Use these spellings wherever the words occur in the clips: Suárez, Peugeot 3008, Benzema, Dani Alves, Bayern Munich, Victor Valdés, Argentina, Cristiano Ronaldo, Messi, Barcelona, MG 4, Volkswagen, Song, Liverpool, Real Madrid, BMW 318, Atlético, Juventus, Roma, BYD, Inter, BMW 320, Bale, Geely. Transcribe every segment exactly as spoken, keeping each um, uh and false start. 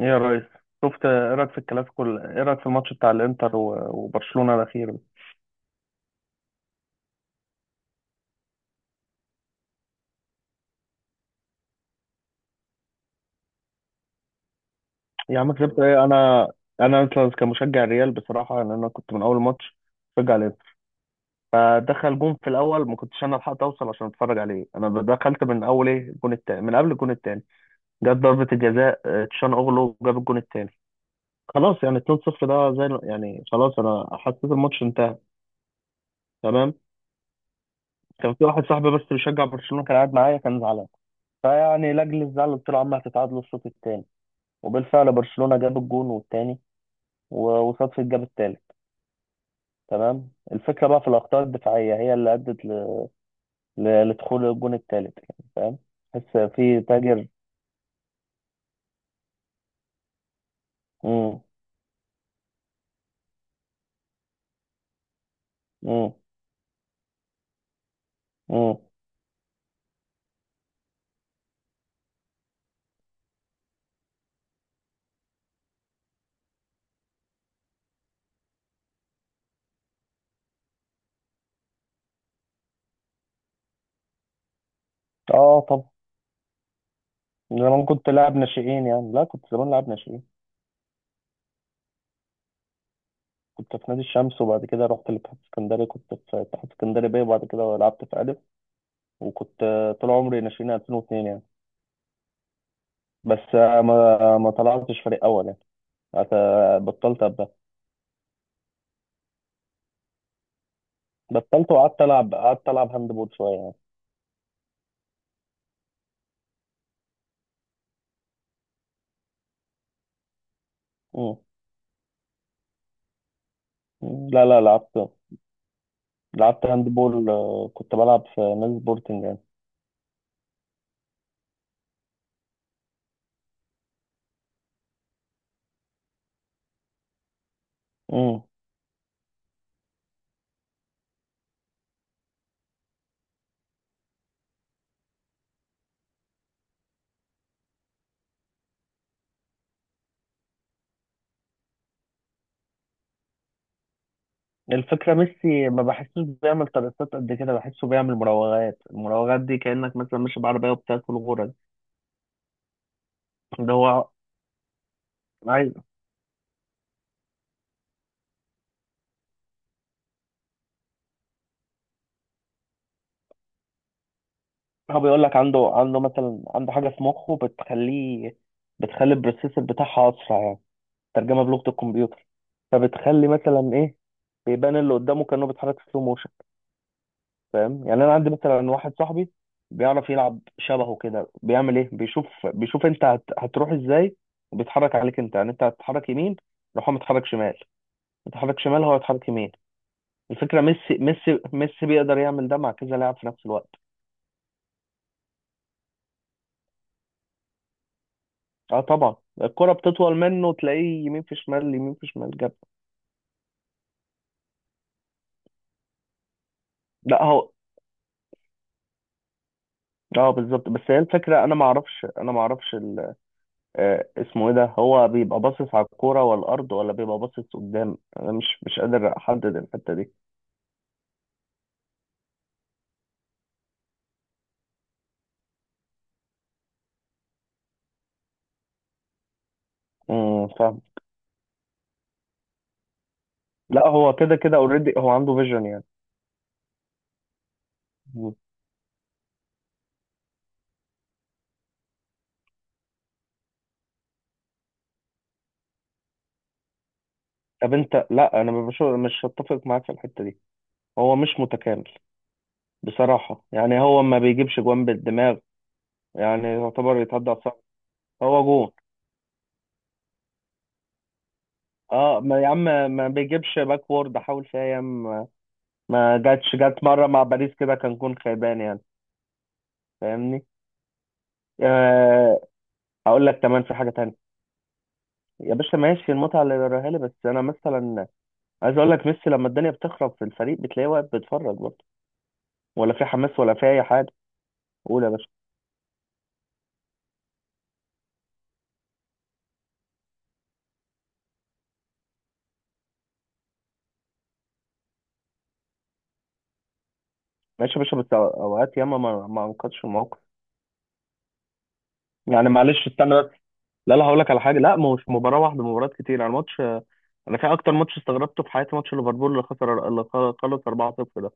ايه يا ريس؟ شفت، ايه رايك في الكلاسيكو؟ ايه رايك في الماتش بتاع الانتر و- وبرشلونه الاخير ده؟ يا عم كسبت ايه انا انا أصلاً كمشجع الريال، بصراحه ان انا كنت من اول ماتش بشجع الانتر. فدخل جون في الاول، ما كنتش انا لحقت اوصل عشان اتفرج عليه. انا دخلت من اول ايه الجون التاني، من قبل الجون التاني. جت ضربه الجزاء، آه، تشان اوغلو جاب الجون التاني. خلاص يعني اتنين صفر، ده زي يعني خلاص، انا حسيت الماتش انتهى، تمام. كان في واحد صاحبي بس بيشجع برشلونه، كان قاعد معايا، كان زعلان. فيعني لاجل الزعل قلت له: يا عم هتتعادلوا الشوط التاني. وبالفعل برشلونة جاب الجون والتاني، و- وصدفة جاب التالت، تمام. الفكرة بقى في الأخطاء الدفاعية، هي اللي أدت ل... ل... لدخول الجون التالت، يعني فاهم. تحس في تاجر. مم. مم. مم. اه، طب. زمان كنت لاعب ناشئين يعني. لا، كنت زمان لاعب ناشئين. كنت في نادي الشمس، وبعد كده رحت لاتحاد اسكندري، كنت في اتحاد اسكندري بيه، وبعد كده لعبت في ألف. وكنت آه، طول عمري ناشئين ألفين واتنين يعني. بس آه، ما ما طلعتش فريق أول يعني. أت- بطلت أبقى. بطلت، وقعدت العب. قعدت العب هاند بول شويه يعني. مم. مم. لا لا، لعبت. لعبت هاند بول، آه، كنت بلعب في نادي سبورتنج يعني. مم. الفكره ميسي ما بحسوش بيعمل ترقصات قد كده، بحسه بيعمل مراوغات. المراوغات دي كانك مثلا ماشي بعربيه وبتاكل غرز. ده هو عايز. هو بيقول لك عنده عنده مثلا عنده حاجه في مخه بتخليه، بتخلي البروسيسور بتاعها اسرع يعني. ترجمه بلغه الكمبيوتر، فبتخلي مثلا ايه، بيبان اللي قدامه كانه بيتحرك سلو موشن. فاهم يعني. انا عندي مثلا واحد صاحبي بيعرف يلعب شبهه، كده بيعمل ايه، بيشوف بيشوف انت هت... هتروح ازاي وبيتحرك عليك. انت يعني انت هتتحرك يمين، يروح هو متحرك شمال. متحرك شمال، هو يتحرك يمين. الفكره ميسي ميسي ميسي بيقدر يعمل ده مع كذا لاعب في نفس الوقت. اه طبعا. الكره بتطول منه، تلاقيه يمين في شمال، يمين في شمال، جاب. لا هو. اه بالظبط. بس هي الفكره، انا ما اعرفش انا ما اعرفش ال... آه اسمه ايه ده، هو بيبقى باصص على الكوره والارض، ولا بيبقى باصص قدام؟ انا مش مش قادر احدد الحته دي. امم فاهم. لا هو، كده كده اوريدي هو عنده فيجن يعني. مم. طب انت، لا انا مش مش هتفق معاك في الحته دي. هو مش متكامل. بصراحه يعني هو ما بيجيبش جوان بالدماغ. يعني يعتبر يتعدى على الصعب. هو جون. اه، ما يا عم، ما بيجيبش باكورد. حاول فيها ياما ما جاتش، جات مره مع باريس كده، كان جون خيبان يعني. فاهمني. آه اقول لك كمان في حاجه تانية. يا باشا ماشي، المتعه اللي وراها لي، بس انا مثلا عايز اقول لك: ميسي لما الدنيا بتخرب في الفريق، بتلاقيه واقف بيتفرج برضه. ولا في حماس ولا في اي حاجه. قول يا باشا. ماشي يا باشا، بس أو- اوقات ياما ما ما انقذش الموقف. يعني معلش استنى بس. لا لا، هقول لك على حاجه. لا، ما هو مش مباراه واحده، مباريات كتير يعني ماتش. انا في اكتر ماتش استغربته في حياتي، ماتش ليفربول اللي خسر، اللي خ- خلص أربعة صفر ده،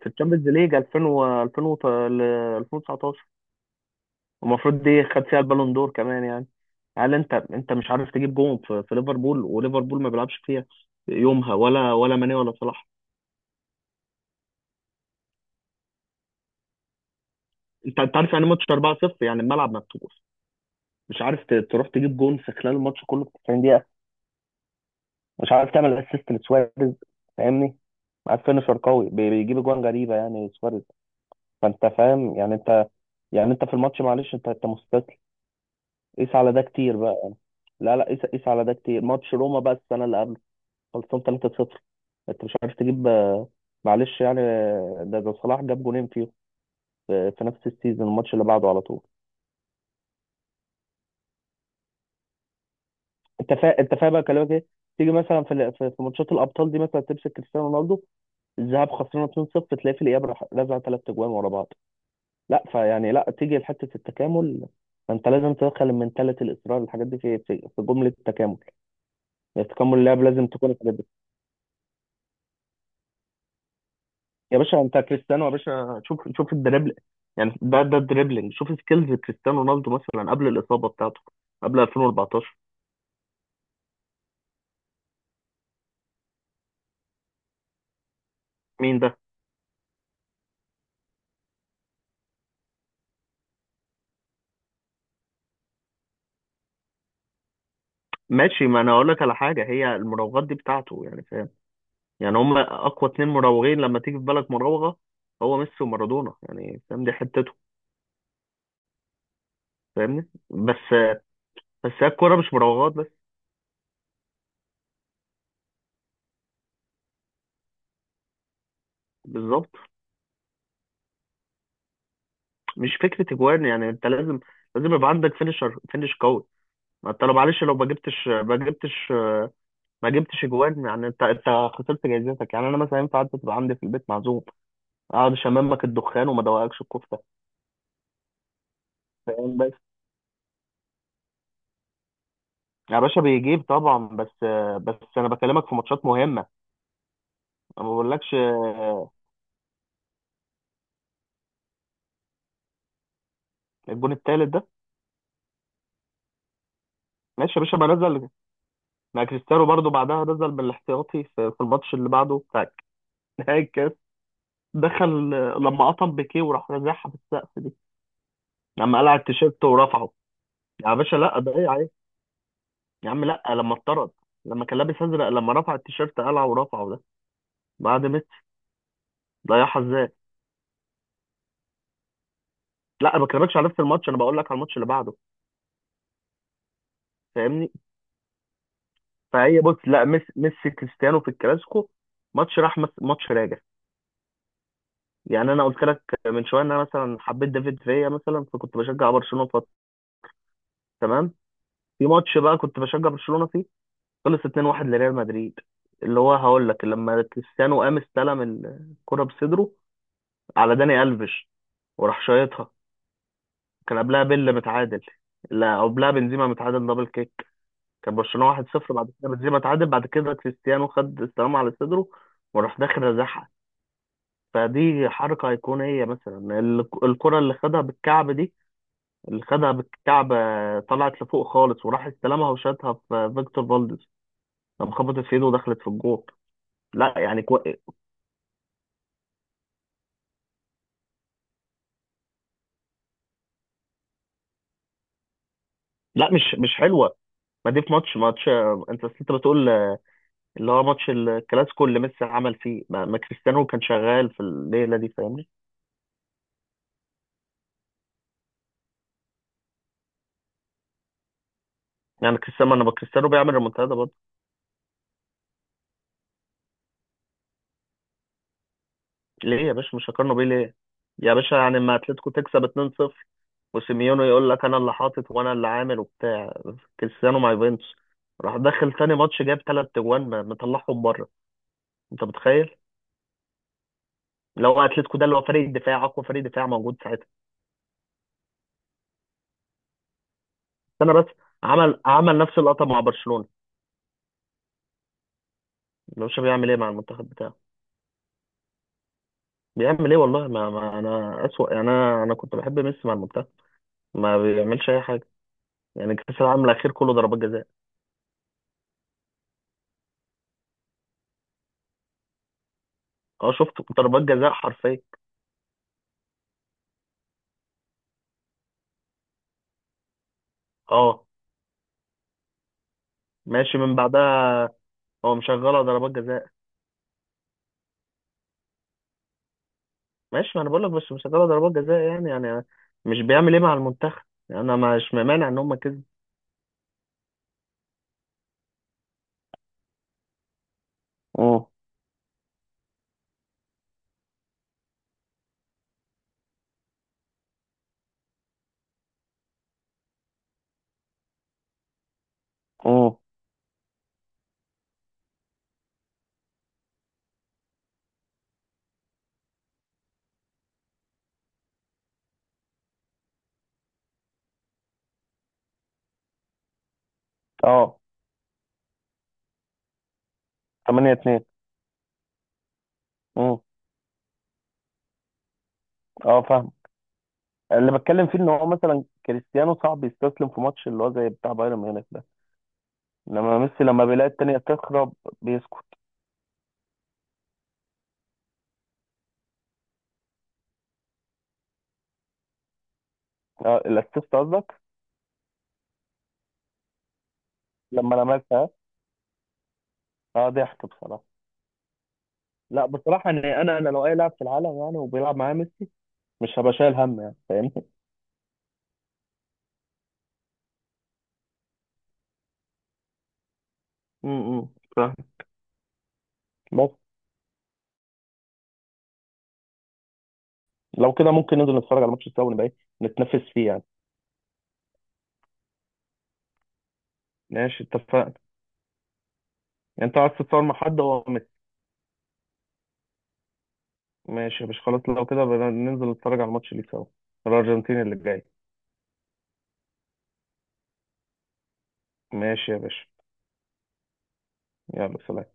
في الشامبيونز ليج ألفين و ألفين وت- ل ألفين وتسعتاشر. المفروض دي خد فيها البالون دور كمان يعني. هل انت، انت مش عارف تجيب جون في, في ليفربول، وليفربول ما بيلعبش فيها يومها ولا ولا ماني ولا صلاح؟ انت، انت عارف يعني ماتش أربعة صفر، يعني الملعب مفتوح، مش عارف ت- تروح تجيب جون في خلال الماتش كله في 90 دقيقة. مش عارف تعمل اسيست لسواريز. فاهمني. معاك فينشر قوي بي- بيجيب اجوان غريبة، يعني سواريز. فانت فاهم يعني انت، يعني انت في الماتش معلش، انت انت مستسلم. قيس على ده كتير بقى يعني. لا لا، قيس قيس على ده كتير. ماتش روما بقى السنة اللي قبل، خلصان تلاتة صفر. انت مش عارف تجيب، آه، معلش يعني، آه، ده ده صلاح جاب جونين فيه في في نفس السيزون، الماتش اللي بعده على طول. انت فا انت فاهم بقى كلامك ايه؟ تيجي مثلا في ال- في في ماتشات الابطال دي، مثلا تمسك كريستيانو رونالدو، الذهاب خسرنا اتنين صفر، تلاقي في الإياب راح رزع ثلاث أجوان ورا بعض. لا فيعني، لا، تيجي لحتة التكامل. فأنت لازم تدخل المنتاليتي، الإصرار، الحاجات دي في في في جملة التكامل. يعني تكامل اللعب لازم تكون الحاجات دي. يا باشا أنت كريستيانو، يا باشا شوف شوف الدريبل، يعني ده ده الدريبلينج. شوف سكيلز كريستيانو رونالدو مثلا، قبل الإصابة بتاعته، قبل ألفين واربعتاشر. مين ده؟ ماشي، ما انا اقول لك على حاجه. هي المراوغات دي بتاعته يعني، فاهم؟ يعني هم اقوى اتنين مراوغين لما تيجي في بالك مراوغه، هو ميسي ومارادونا. يعني فاهم، دي حتته. فاهمني بس. بس هي الكوره مش مراوغات بس. بالظبط. مش فكره اجوان يعني، انت لازم، لازم يبقى عندك فينشر فينش قوي. ما انت لو معلش، لو ما جبتش ما جبتش ما جبتش اجوان، يعني انت، انت خسرت جايزتك. يعني انا مثلا ينفع انت تبقى عندي في البيت معزوم، اقعد اشممك الدخان وما ادوقكش الكفته؟ فاهم بس. يا باشا بيجيب طبعا، بس بس انا بكلمك في ماتشات مهمه. انا ما بقولكش. الجون التالت ده. ماشي يا باشا، ما نزل. ما كريستيانو برضو بعدها نزل بالاحتياطي في في الماتش اللي بعده بتاع نهائي. دخل، لما قطم بيكيه وراح رازعها في السقف دي، لما قلع التيشيرت ورفعه. يا باشا لا، ده ايه عيب. يا عم لا، لما اتطرد، لما كان لابس ازرق، لما رفع التيشيرت قلعه ورفعه ده، بعد ميسي. ضيعها ازاي. لا أنا ما بكلمكش على نفس الماتش، انا بقول لك على الماتش اللي بعده. فاهمني. فهي بص، لا، ميسي ميسي كريستيانو في الكلاسيكو. ماتش راح مس- ماتش راجع. يعني انا قلت لك من شويه ان انا مثلا حبيت دافيد فيا مثلا، فكنت بشجع برشلونه فتره، تمام. في ماتش بقى كنت بشجع برشلونه فيه، خلص اتنين واحد لريال مدريد، اللي هو هقول لك لما كريستيانو قام استلم الكرة بصدره على داني ألفيش وراح شايطها. كان قبلها بيل متعادل. لا، قبلها بنزيما متعادل دبل كيك. كان برشلونة واحد صفر، بعد كده بنزيما اتعادل، بعد كده كريستيانو خد استلام على صدره وراح داخل رزعها. فدي حركة أيقونية مثلا، ال- الكرة اللي خدها بالكعب دي، اللي خدها بالكعب، آه، طلعت لفوق خالص، وراح استلمها وشاتها في فيكتور فالديز لما خبطت في ايده ودخلت في الجول. لا يعني كو... لا، مش مش حلوه. ما دي في ماتش، ماتش آه، انت أصل انت بتقول آه، اللي هو ماتش الكلاسيكو اللي ميسي عمل فيه، ما, ما كريستيانو كان شغال في الليله دي. فاهمني. يعني كريستيانو ما انا كريستيانو بيعمل ريمونتادا برضه. ليه يا باشا مش هقارنه بيه؟ ليه؟ يا باشا يعني، اما اتلتيكو تكسب اتنين صفر وسيميونو يقول لك انا اللي حاطط وانا اللي عامل وبتاع، كريستيانو مع يوفنتوس راح دخل تاني ماتش، جاب ثلاث اجوان، ما- مطلعهم بره. انت متخيل؟ لو اتلتيكو ده اللي هو فريق الدفاع، اقوى فريق دفاع موجود ساعتها. استنى بس. عمل، عمل نفس اللقطه مع برشلونه. ملوش. بيعمل ايه مع المنتخب بتاعه. بيعمل ايه والله. ما, ما انا اسوأ يعني. انا انا كنت بحب ميسي مع المنتخب، ما بيعملش اي حاجه. يعني كاس العالم الاخير كله ضربات جزاء. اه، شفت ضربات جزاء حرفيا. اه. ماشي، من بعدها هو مشغله ضربات جزاء. ماشي، ما انا بقول لك، بس مشغله ضربات جزاء يعني، يعني مش بيعمل ايه مع المنتخب. يعني انا مش مانع ان هم كسبوا. امم امم اه، تمانية اتنين. امم اه فاهم. اللي بتكلم فيه ان هو مثلا كريستيانو صعب يستسلم في ماتش اللي هو زي بتاع بايرن ميونخ ده، لما ميسي لما بيلاقي التانية بتخرب بيسكت. آه الاسيست قصدك. لما لمسها. اه، ضحك بصراحة. لا بصراحة، ان انا، انا لو اي لاعب في العالم يعني وبيلعب معايا ميسي، مش هبقى شايل هم يعني، فاهمني. امم فاهم بس. لو كده ممكن ننزل نتفرج على ماتش سوا، ونبقى ايه، نتنافس فيه يعني. ماشي اتفقنا. يعني انت عايز تتصور مع حد هو ميسي. ماشي، مش خلاص لو كده بقى، ننزل نتفرج على الماتش اللي سوا، الارجنتين اللي جاي. ماشي يا باشا، يلا سلام.